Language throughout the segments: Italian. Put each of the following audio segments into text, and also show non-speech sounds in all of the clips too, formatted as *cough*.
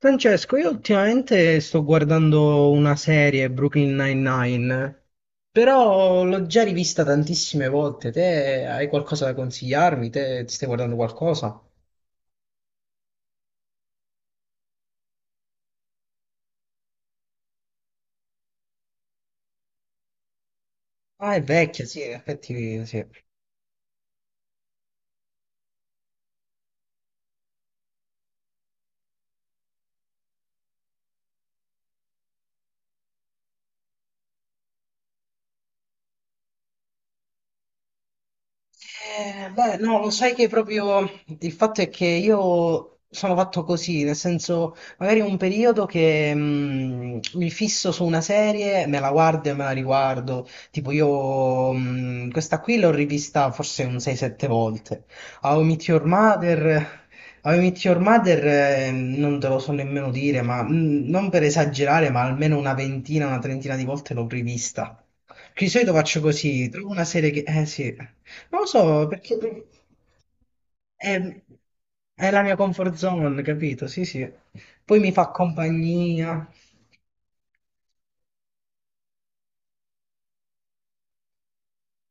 Francesco, io ultimamente sto guardando una serie, Brooklyn Nine-Nine, però l'ho già rivista tantissime volte. Te hai qualcosa da consigliarmi? Te ti stai guardando qualcosa? Ah, è vecchia, sì, in effetti sì. Beh, no, lo sai che proprio il fatto è che io sono fatto così, nel senso, magari un periodo che mi fisso su una serie, me la guardo e me la riguardo. Tipo io questa qui l'ho rivista forse un 6-7 volte. How I Met Your Mother, How I Met Your Mother, non te lo so nemmeno dire, ma non per esagerare, ma almeno una 20ina, una 30ina di volte l'ho rivista. Di solito faccio così, trovo una serie che... Eh sì. Non lo so, perché è, è la mia comfort zone, capito? Sì, sì. Poi mi fa compagnia,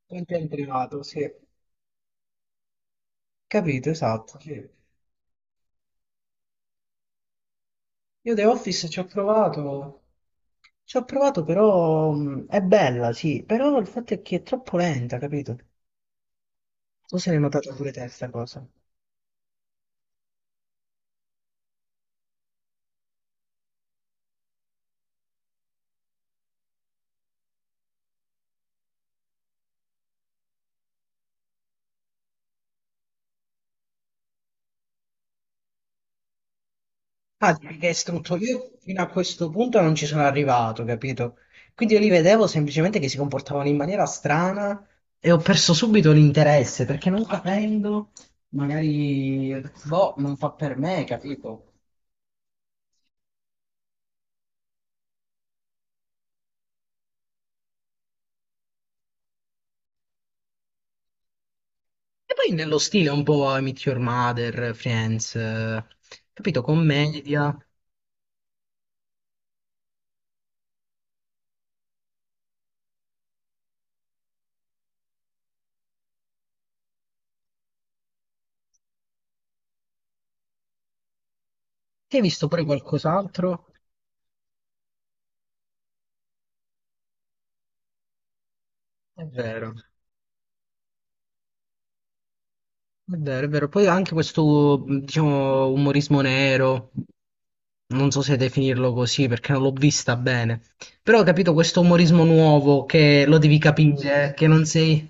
anche in privato, sì. Capito, esatto, sì. Io The Office ci ho provato però è bella, sì, però il fatto è che è troppo lenta, capito? Tu se l'hai notata pure te sta cosa. Ah, perché è strutto. Io fino a questo punto non ci sono arrivato, capito? Quindi io li vedevo semplicemente che si comportavano in maniera strana e ho perso subito l'interesse perché non capendo, magari, boh, non fa per me, capito? E poi nello stile un po' I Meet Your Mother, Friends, capito? Commedia. Hai visto pure qualcos'altro? È vero. È vero, è vero. Poi anche questo, diciamo, umorismo nero, non so se definirlo così perché non l'ho vista bene, però ho capito questo umorismo nuovo che lo devi capire, che non sei,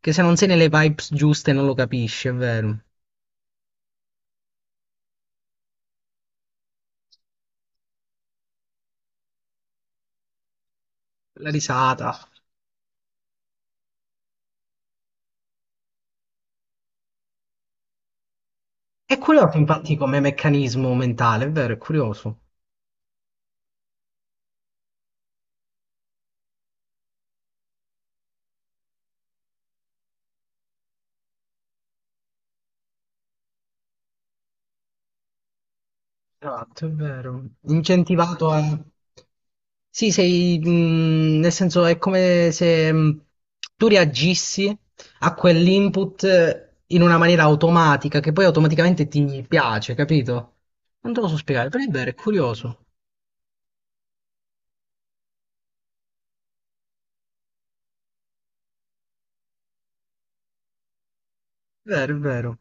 che se non sei nelle vibes giuste non lo capisci, è vero. La risata. È curioso infatti come meccanismo mentale, è vero, è curioso. Esatto, è vero. Incentivato a... Sì, sei, nel senso è come se tu reagissi a quell'input in una maniera automatica che poi automaticamente ti piace, capito? Non te lo so spiegare, però è vero, è curioso. È vero, è vero.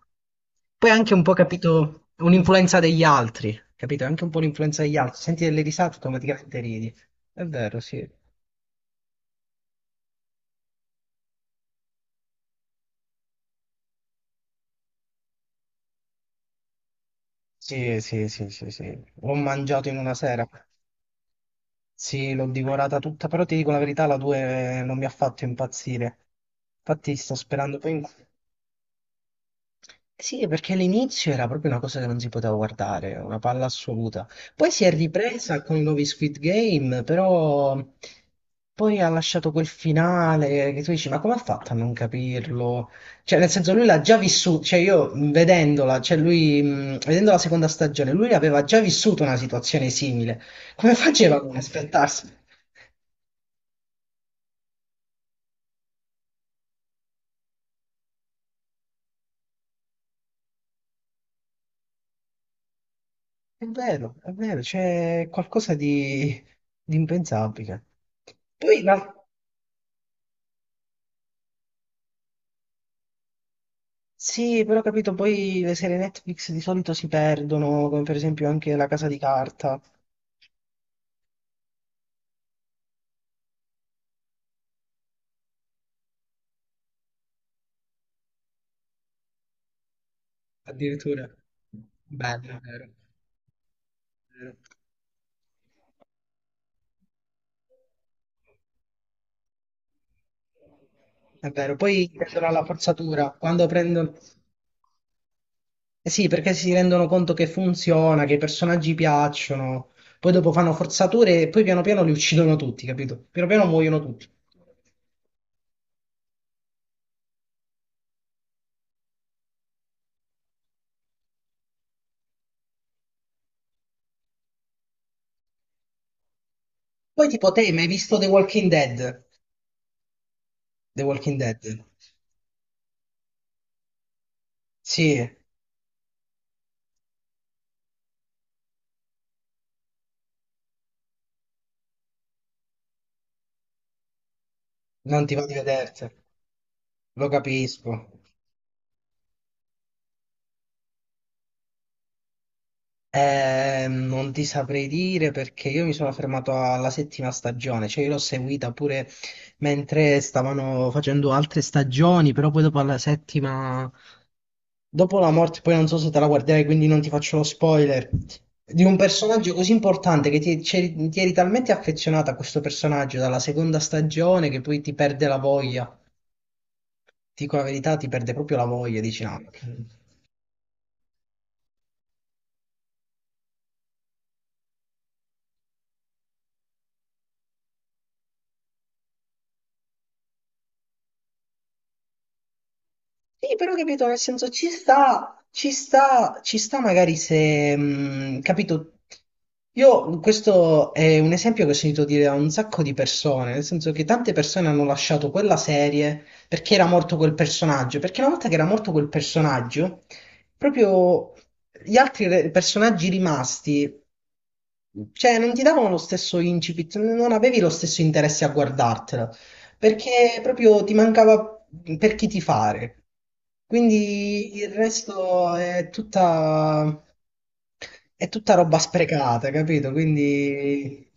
Poi è anche un po', capito, un'influenza degli altri, capito? È anche un po' l'influenza degli altri. Senti delle risate, automaticamente ridi. È vero, sì. Sì, sì, sì, sì, sì. L'ho mangiato in una sera. Sì, l'ho divorata tutta, però ti dico la verità, la 2 non mi ha fatto impazzire. Infatti sto sperando Sì, perché all'inizio era proprio una cosa che non si poteva guardare, una palla assoluta. Poi si è ripresa con i nuovi Squid Game, però poi ha lasciato quel finale che tu dici, ma come ha fatto a non capirlo? Cioè, nel senso, lui l'ha già vissuto, cioè io vedendola, cioè lui, vedendo la seconda stagione, lui aveva già vissuto una situazione simile. Come faceva a non aspettarsi? È vero, c'è qualcosa di impensabile. Poi la- Sì, però ho capito, poi le serie Netflix di solito si perdono, come per esempio anche La Casa di Carta. Addirittura. Bello, è vero. È vero, è vero. Poi tendono alla forzatura, quando prendono... Eh sì, perché si rendono conto che funziona, che i personaggi piacciono, poi dopo fanno forzature e poi piano piano li uccidono tutti, capito? Piano piano muoiono tutti. Poi tipo te, ma hai visto The Walking Dead? The Walking Dead. Sì, non ti va di vederti, lo capisco. Non ti saprei dire perché io mi sono fermato alla settima stagione, cioè io l'ho seguita pure mentre stavano facendo altre stagioni, però poi dopo alla settima, dopo la morte, poi non so se te la guarderai, quindi non ti faccio lo spoiler, di un personaggio così importante che ti eri talmente affezionata a questo personaggio dalla seconda stagione che poi ti perde la voglia. Ti dico la verità, ti perde proprio la voglia, dici no. Sì, però capito, nel senso ci sta magari se, capito, io questo è un esempio che ho sentito dire da un sacco di persone, nel senso che tante persone hanno lasciato quella serie perché era morto quel personaggio, perché una volta che era morto quel personaggio, proprio gli altri personaggi rimasti. Cioè, non ti davano lo stesso incipit, non avevi lo stesso interesse a guardartela, perché proprio ti mancava per chi tifare. Quindi il resto è è tutta roba sprecata, capito? Quindi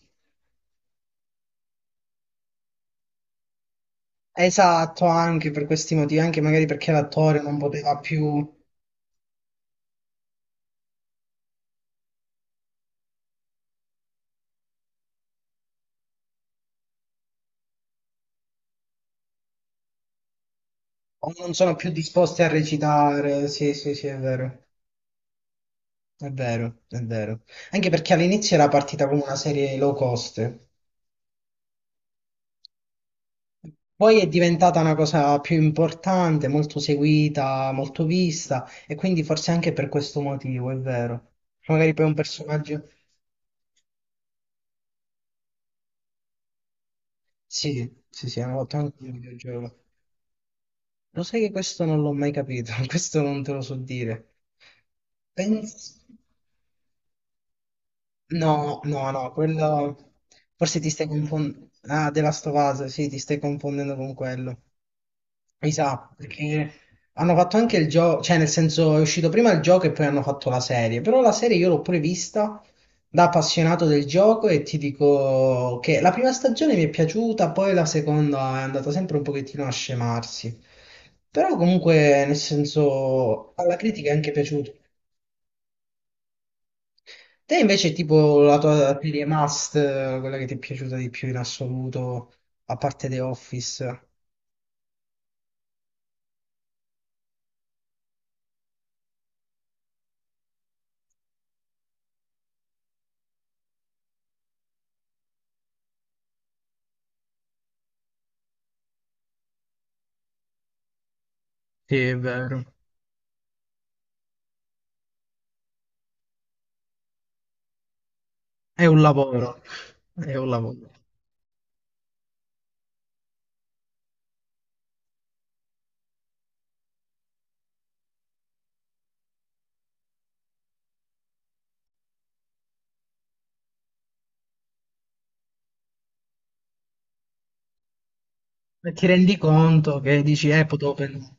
esatto, anche per questi motivi, anche magari perché l'attore non poteva più, o non sono più disposti a recitare. Sì, sì, sì, è vero, è vero, è vero. Anche perché all'inizio era partita come una serie low cost. Poi è diventata una cosa più importante, molto seguita, molto vista, e quindi forse anche per questo motivo, è vero. Magari poi un personaggio. Sì, sì, sì, hanno fatto anche un videogioco. Lo sai che questo non l'ho mai capito, *laughs* questo non te lo so dire. Penso... No, no, no, quello... Forse ti stai confondendo... Ah, The Last of Us, sì, ti stai confondendo con quello. Esatto, perché hanno fatto anche il gioco, cioè nel senso è uscito prima il gioco e poi hanno fatto la serie, però la serie io l'ho pure vista da appassionato del gioco e ti dico che la prima stagione mi è piaciuta, poi la seconda è andata sempre un pochettino a scemarsi, però comunque nel senso alla critica è anche piaciuto. Te invece tipo la tua serie Must, quella che ti è piaciuta di più in assoluto, a parte The Office? Sì, è vero. È un lavoro. È un lavoro. E ti rendi conto che dici, potevo pensare.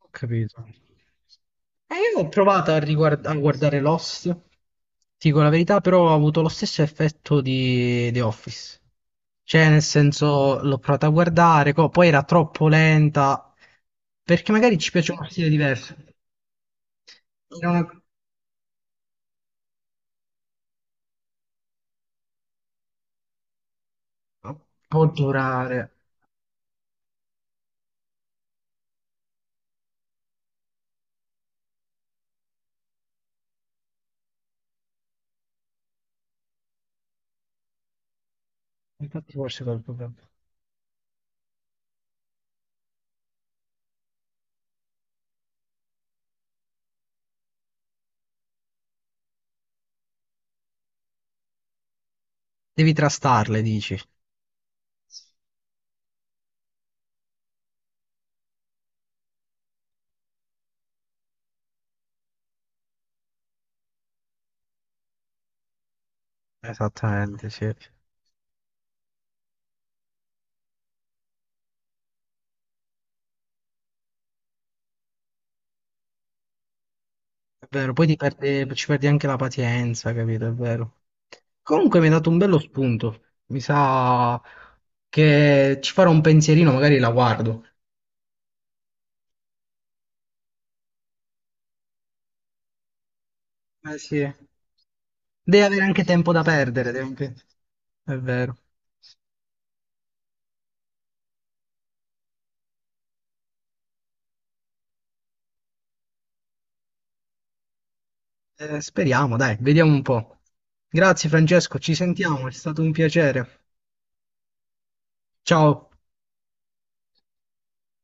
Ho capito. E io ho provato a, a guardare Lost, ti dico la verità, però ho avuto lo stesso effetto di The Office. Cioè, nel senso, l'ho provata a guardare, poi era troppo lenta, perché magari ci piace uno stile diverso. Era una- Può durare. Infatti forse quello è quello il problema. Devi trastarle, dici. Esattamente, sì. È vero, ci perdi anche la pazienza, capito? È vero. Comunque mi hai dato un bello spunto. Mi sa che ci farò un pensierino, magari la guardo. Eh sì. Devi avere anche tempo da perdere, È vero. Speriamo, dai, vediamo un po'. Grazie Francesco, ci sentiamo, è stato un piacere. Ciao.